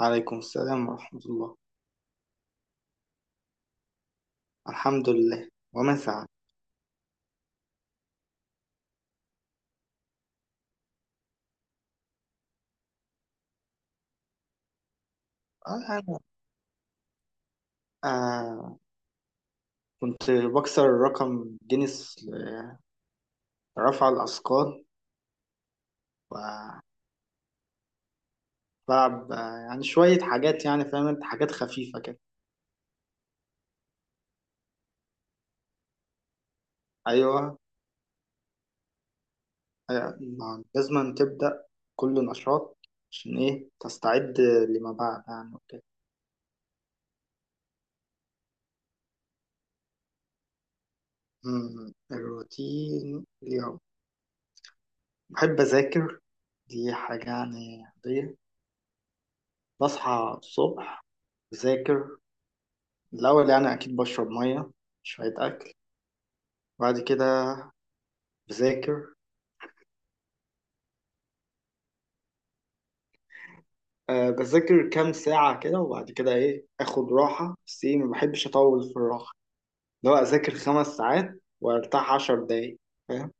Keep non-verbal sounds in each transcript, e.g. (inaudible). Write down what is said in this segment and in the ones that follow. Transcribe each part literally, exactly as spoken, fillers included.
عليكم السلام ورحمة الله. الحمد لله ومن سعد. آه، أنا آه كنت بكسر رقم جينيس لرفع الأثقال وبلعب آه يعني شوية حاجات، يعني فاهم أنت، حاجات خفيفة كده. أيوه. آه، ما- لازم تبدأ كل نشاط، عشان إيه تستعد لما بعد يعني وكده. أمم، الروتين اليوم بحب أذاكر، دي حاجة يعني عادية. بصحى الصبح أذاكر، الأول يعني أكيد بشرب مية، شوية أكل، وبعد كده بذاكر. أه بذاكر كام ساعة كده وبعد كده إيه آخد راحة، بس إيه ما بحبش أطول في الراحة، اللي هو أذاكر خمس ساعات وأرتاح عشر دقايق، فاهم.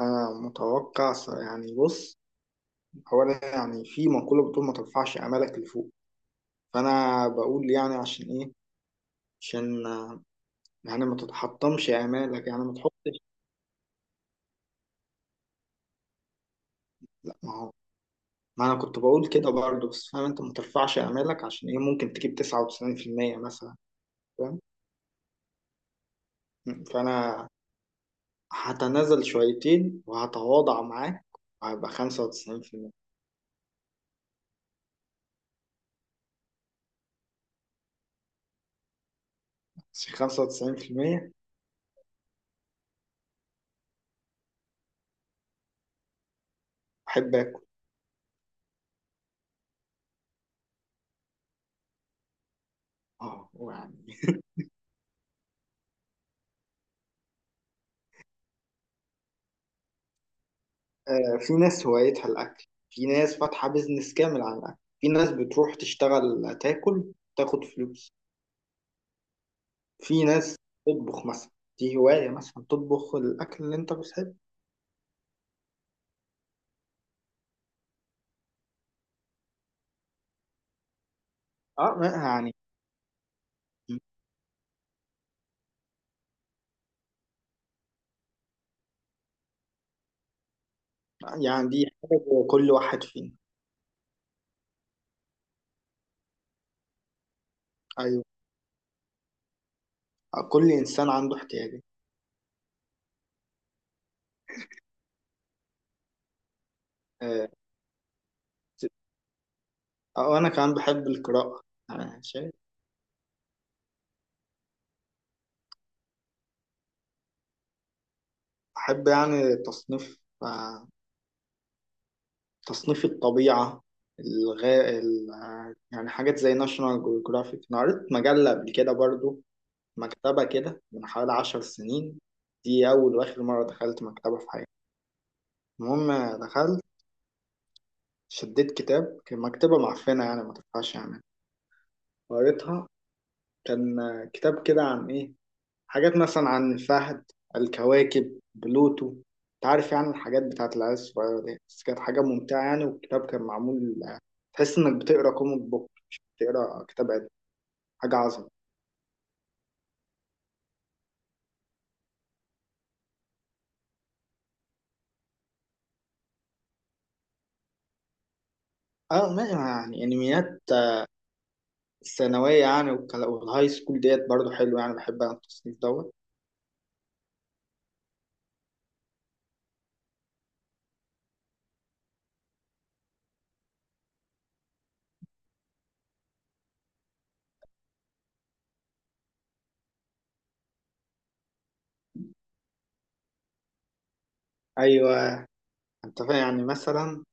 أنا متوقع س- يعني بص، هو أنا يعني في مقولة بتقول ما ترفعش آمالك لفوق. فأنا بقول يعني عشان إيه، عشان آه، يعني ما تتحطمش آمالك، يعني ما تحطش. لا ما هو، ما انا كنت بقول كده برضه، بس فاهم انت ما ترفعش امالك عشان ايه ممكن تجيب تسعة وتسعين في المية مثلا، فاهم. فانا هتنازل شويتين وهتواضع معاك وهبقى خمسة وتسعين بالمية. بس خمسة وتسعين بالمية. احب اكل. اه يعني. آه في ناس هوايتها الاكل، في ناس فاتحة بيزنس كامل على الاكل، في ناس بتروح تشتغل تاكل تاخد فلوس، في ناس تطبخ مثلا، دي هواية، مثلا تطبخ الأكل اللي أنت بتحبه. أه ما- يعني، يعني دي حاجة كل واحد فينا. أيوة، كل إنسان عنده احتياجات. آه، وأنا كمان بحب القراءة. أنا شايف بحب يعني تصنيف، آه، تصنيف الطبيعة، الغا... ال... آه، يعني حاجات زي ناشونال جيوغرافيك. أنا قريت مجلة قبل كده برضو، مكتبة كده من حوالي عشر سنين. دي أول وآخر مرة دخلت مكتبة في حياتي. المهم آه، دخلت شديت كتاب، كان مكتبة معفنة يعني ما تنفعش يعني، قريتها. كان آه، كتاب كده عن إيه، حاجات مثلا عن الفهد، الكواكب، بلوتو، انت عارف يعني الحاجات بتاعت العيال الصغيرة دي، بس كانت حاجة ممتعة يعني، والكتاب كان معمول تحس انك بتقرا كوميك بوك مش بتقرا كتاب علمي. حاجة عظمة. اه ما يعني انميات الثانوية، يعني والكلا- والهاي سكول ديت برضو حلو يعني، بحب انا التصنيف دوت. ايوه. انت فاهم يعني مثلا،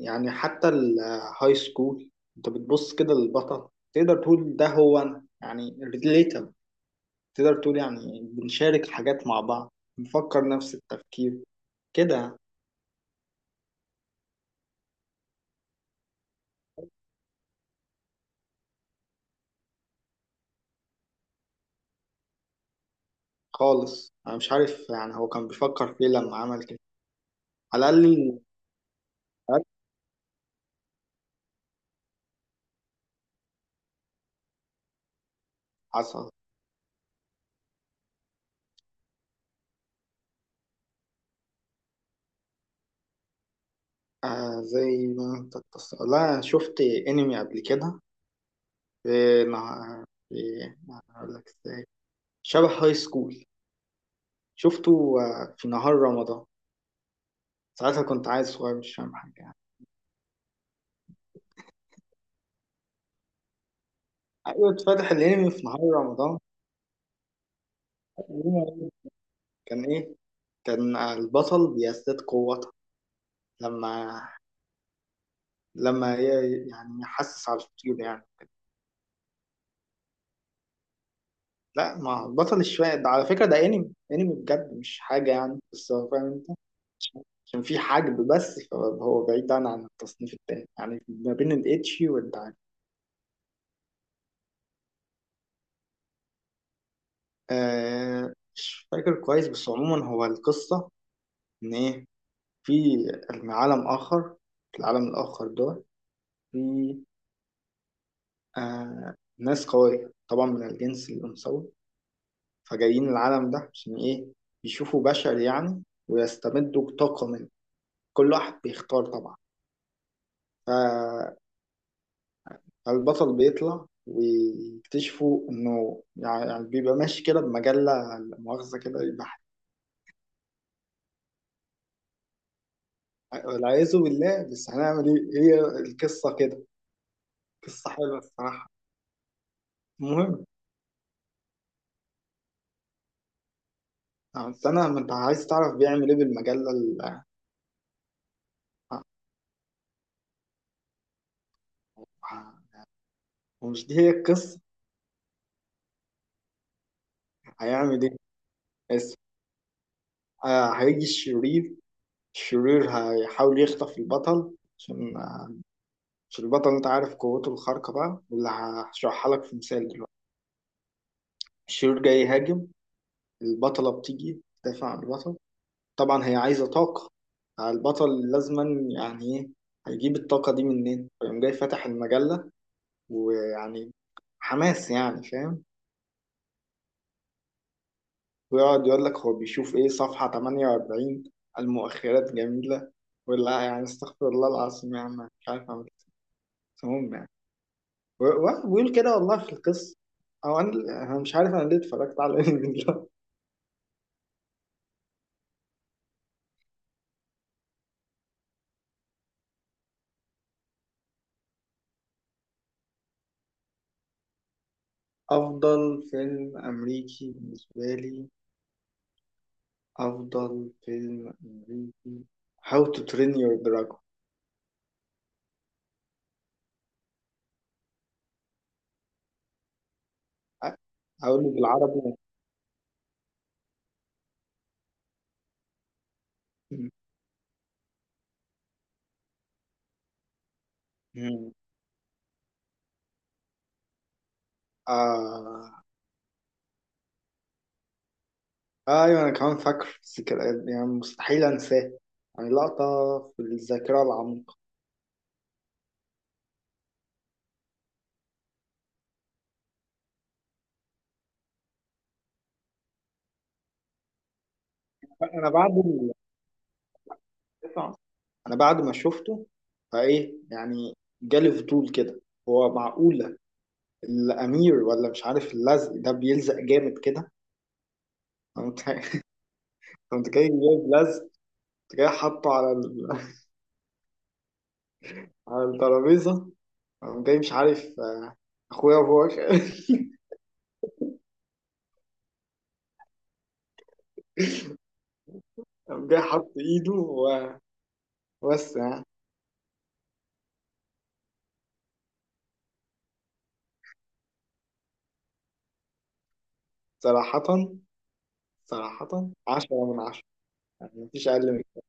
يعني حتى الهاي سكول انت بتبص كده للبطل، تقدر تقول ده هو انا يعني ريليتابل، تقدر تقول يعني بنشارك حاجات مع بعض، بنفكر نفس التفكير كده. خالص انا مش عارف يعني هو كان بيفكر في ايه لما عمل كده. على الاقل. على الأقل. حصل. آه زي ما انت بتص- لا، شفت انمي قبل كده، في نهار، في، هقول لك ازاي، شبه هاي سكول. شفته آه في نهار رمضان، ساعتها كنت عايز صغير مش فاهم حاجه يعني. ايوه اتفتح الانمي في نهار رمضان. كان ايه؟ كان آه، البطل بيزداد قوة لما لما ي- يعني يحسس على الطيور يعني. لا ما هو بطل الشوية ده على فكرة، ده انمي انمي بجد، مش حاجة يعني، بس هو فاهم انت، عشان في حجب. بس فهو بعيد عن عن التصنيف التاني، يعني ما بين الاتشي والدعاني. آه مش فاكر كويس، بس عموما هو القصة إن إيه، في عالم آخر، في العالم الآخر ده في آه ناس قوية طبعا من الجنس الأنثوي، فجايين العالم ده عشان إيه، يشوفوا بشر يعني ويستمدوا طاقة منه. كل واحد بيختار طبعا. ف- فالبطل بيطلع ويكتشفوا إنه يعني، يعني بيبقى ماشي كده بمجلة لا مؤاخذة كده، يبقى والعياذ بالله. بس هنعمل إيه، هي القصة كده. قصة حلوة الصراحة. المهم يعني، بس أنا، ما أنت عايز تعرف بيعمل إيه بالمجلة ال- ومش دي هي القصة. هيعمل إيه؟ بس آه هيجي الشرير. الشرير هيحاول يخطف البطل عشان عشان البطل انت عارف قوته الخارقة بقى، واللي هشرحها لك في مثال دلوقتي. الشرير جاي يهاجم، البطلة بتيجي تدافع عن البطل. طبعا هي عايزة طاقة، البطل لازما يعني ايه، هيجيب الطاقة دي منين؟ فيقوم جاي فاتح المجلة، ويعني حماس يعني فاهم. ويقعد يقول لك هو بيشوف ايه، صفحة تمانية وأربعين المؤخرات جميلة، ولا يعني استغفر الله العظيم يعني. مش عارف اعمل إيه. المهم يعني. واحد بيقول كده والله في القصة. أو أنا، أنا مش عارف أنا ليه اتفرجت على (laughs) الفيلم ده. أفضل فيلم أمريكي بالنسبة لي، أفضل فيلم أمريكي How to Train Your Dragon. أ- أقوله بالعربي. مم. آه أيوة أنا كمان فاكر، بس كده يعني مستحيل أنساه، يعني لقطة في الذاكرة العميقة. أنا بعد ال- أنا بعد ما شفته فإيه يعني جالي فضول كده، هو معقول الامير ولا مش عارف اللزق ده بيلزق جامد كده. قمت (laughs) قمت جاي جايب لزق، قمت جاي حاطه على ال... (laughs) على الترابيزه، قمت جاي مش عارف، اخويا وهو (laughs) قام جاي حاط ايده و- وبس يعني. صراحه صراحه عشرة من عشرة، يعني مفيش اقل من